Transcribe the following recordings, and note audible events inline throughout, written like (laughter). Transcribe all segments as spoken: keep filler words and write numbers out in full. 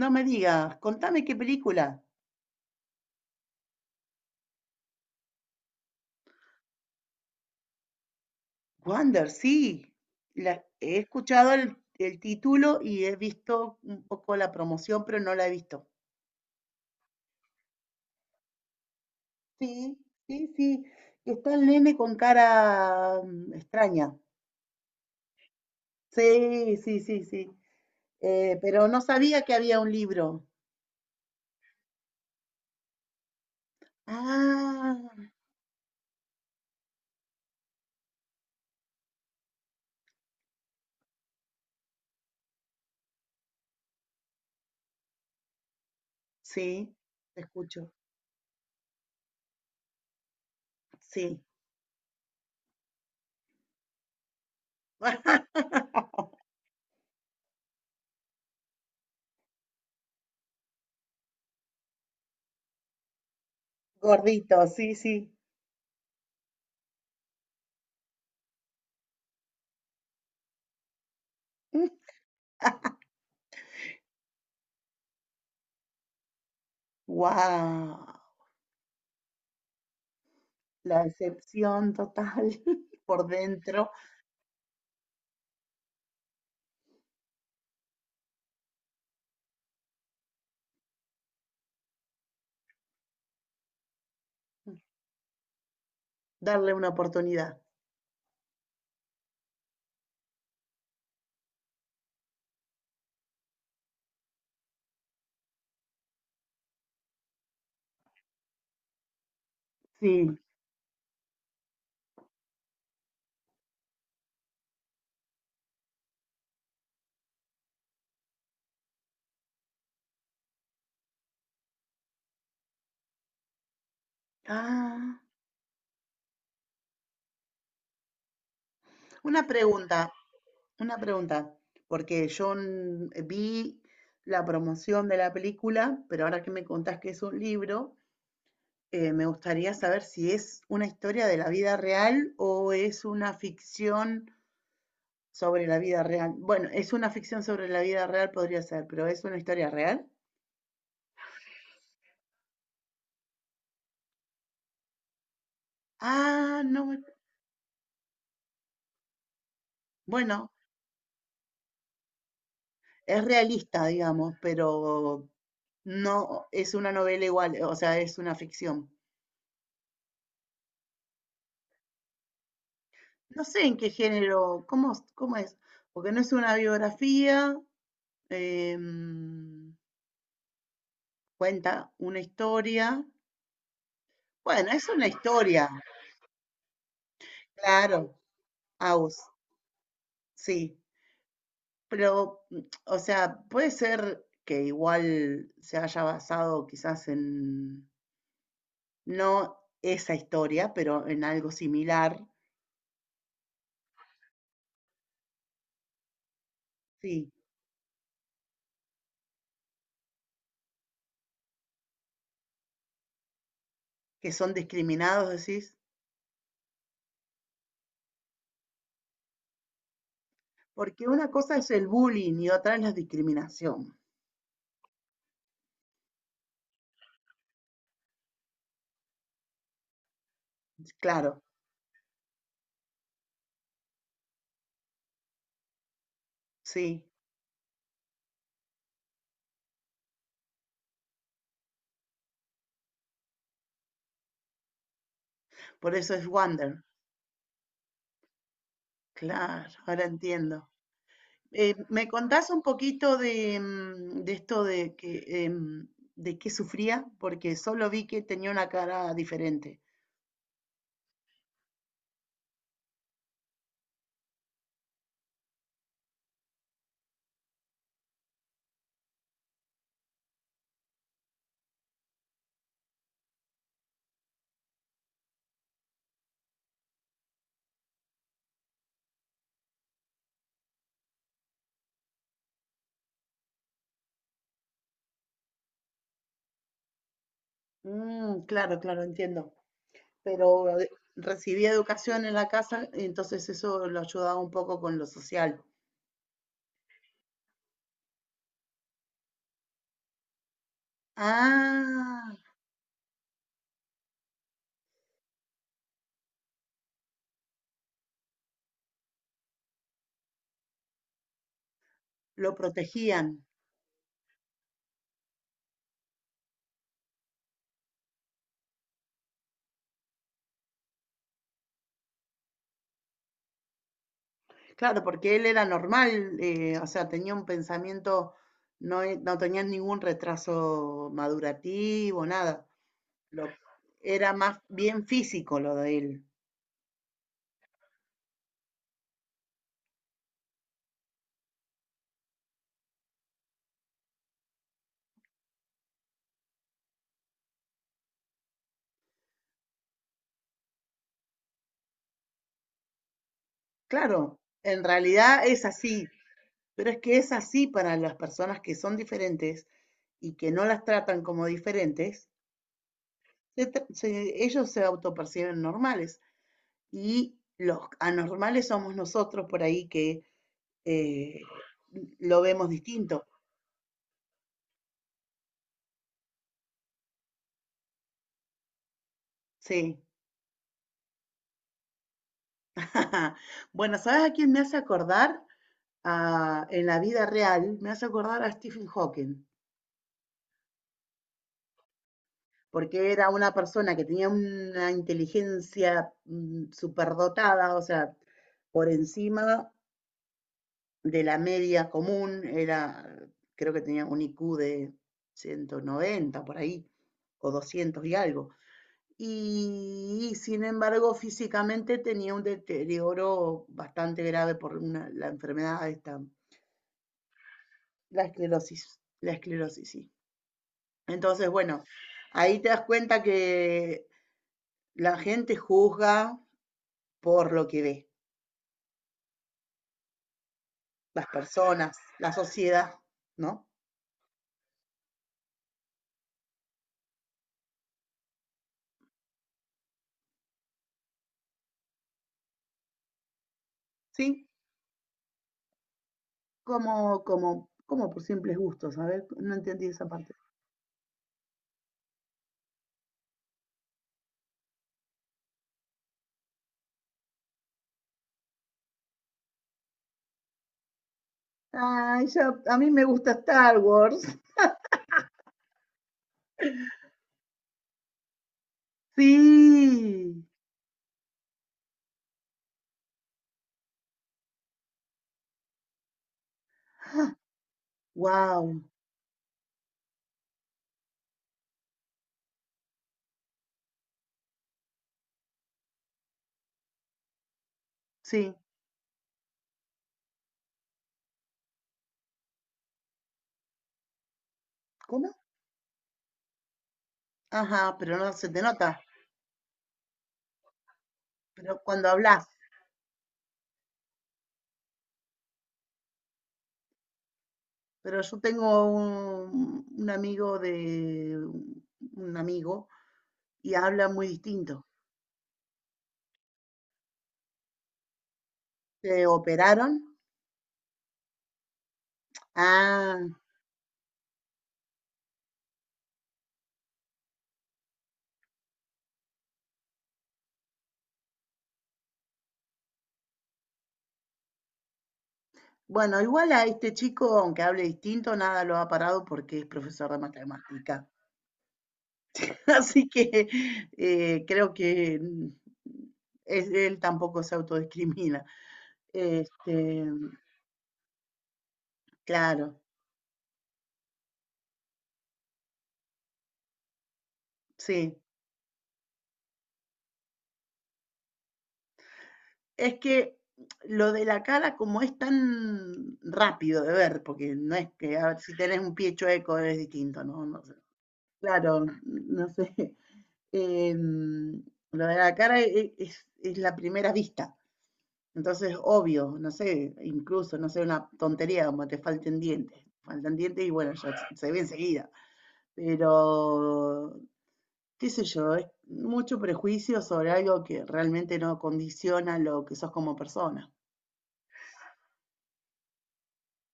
No me digas, contame qué película. Wonder, sí. La, he escuchado el, el título y he visto un poco la promoción, pero no la he visto. Sí, sí, sí, que está el nene con cara mm, extraña. Sí, sí, sí, sí. Eh, pero no sabía que había un libro. Ah, sí, te escucho. Sí. (laughs) Gordito, sí, sí. Wow. La excepción total, (laughs) por dentro, darle una oportunidad. Sí. Ah, una pregunta, una pregunta, porque yo mm, vi la promoción de la película, pero ahora que me contás que es un libro, eh, me gustaría saber si es una historia de la vida real o es una ficción sobre la vida real. Bueno, es una ficción sobre la vida real, podría ser, pero es una historia real. Ah, no, me- Bueno, es realista, digamos, pero no es una novela igual, o sea, es una ficción. No sé en qué género, cómo, cómo es, porque no es una biografía, em, cuenta una historia. Bueno, es una historia, claro, Aus, sí, pero, mm, o sea, puede ser que igual se haya basado quizás en, no esa historia, pero en algo similar, sí. ¿Que son discriminados, decís? Porque una cosa es el bullying y otra es la discriminación. Claro, sí, por eso es Wonder. Claro, ahora entiendo. Eh, ¿me contás un poquito de, mm, de esto de que em, de qué sufría? Porque solo vi que tenía una cara diferente. Mm, claro, claro, entiendo. Pero eh, recibía educación en la casa, entonces eso lo ayudaba un poco con lo social. Ah, lo protegían. Claro, porque él era normal, eh, o sea, tenía un pensamiento, no, e- no tenía ningún retraso madurativo, nada. Lo, Era más bien físico lo de él. Claro, en realidad es así, pero es que es así para las personas que son diferentes y que no las tratan como diferentes, se tra- se- ellos se autoperciben normales, y los anormales somos nosotros por ahí que eh, lo vemos distinto. Sí. (laughs) Bueno, ¿sabes a quién me hace acordar? A- en la vida real, me hace acordar a Stephen Hawking, porque era una persona que tenía una inteligencia mm, superdotada, o sea, por encima de la media común, era, creo que tenía un I Q de ciento noventa por ahí, o doscientos y algo, y sin embargo físicamente tenía un deterioro bastante grave por una- la enfermedad esta, la esclerosis, la esclerosis, sí. Entonces, bueno, ahí te das cuenta que la gente juzga por lo que ve, las personas, la sociedad, ¿no? Sí, como, como, como por simples gustos, a ver, no entendí esa parte. Ay, ya, a mí me gusta Star Wars. Sí, wow, sí. ¿Cómo? Ajá, pero no se te nota, pero cuando hablas. Pero yo tengo un, un amigo de un amigo y habla muy distinto. ¿Se operaron? Ah, bueno, igual a este chico, aunque hable distinto, nada lo ha parado porque es profesor de matemática. (laughs) Así que eh, creo que mm, es- él tampoco se autodiscrimina. Este, claro, sí. Es que lo de la cara, como es tan rápido de ver, porque no es que, a ver, si tenés un pie chueco es distinto, ¿no? No sé. Claro, no sé. (laughs) Em, lo de la cara e- e, es, es la primera vista. Entonces, obvio, no sé, incluso, no sé, una tontería como te falten dientes. Faltan dientes y bueno, ya se se ve enseguida. Pero, qué sé yo, es mucho prejuicio sobre algo que realmente no condiciona lo que sos como persona.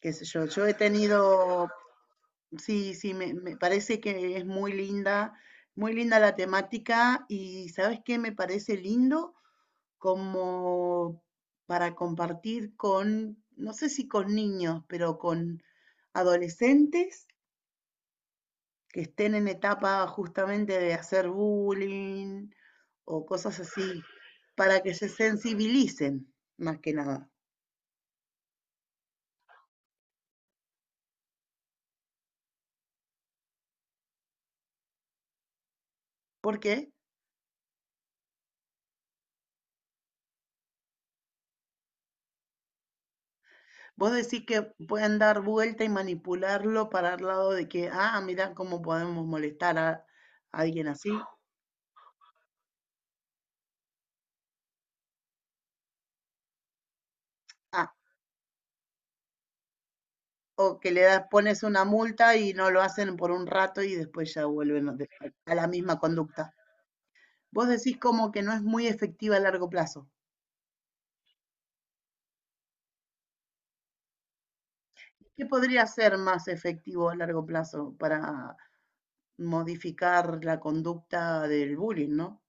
Qué sé yo, yo he tenido, sí, sí, me, me parece que es muy linda, muy linda la temática. ¿Y sabes qué? Me parece lindo como para compartir con, no sé si con niños, pero con adolescentes que estén en etapa justamente de hacer bullying o cosas así, para que se sensibilicen más que nada. ¿Por qué? Vos decís que pueden dar vuelta y manipularlo para el lado de que, ah, mira cómo podemos molestar a, a alguien así. (gasps) Ah, o que le das, pones una multa y no lo hacen por un rato y después ya vuelven a a la misma conducta. Vos decís como que no es muy efectiva a largo plazo. ¿Qué podría ser más efectivo a largo plazo para modificar la conducta del bullying, ¿no?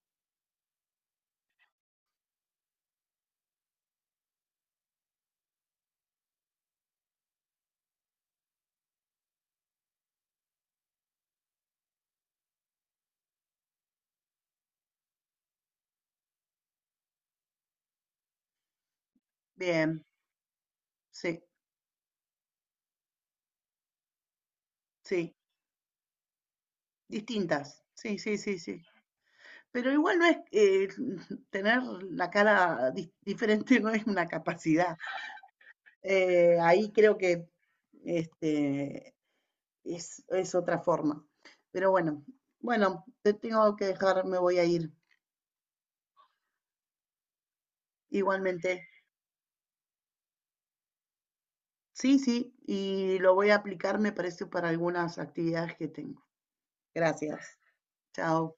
Bien, sí, sí, distintas. Sí, sí, sí, sí. Pero igual no es, eh, (laughs) tener la cara di- diferente, (laughs) no es una capacidad. Eh, ahí creo que este, es, es otra forma. Pero bueno, bueno, te tengo que dejar, me voy a ir igualmente. Sí, sí, y lo voy a aplicar, me parece, para algunas actividades que tengo. Gracias. Chao.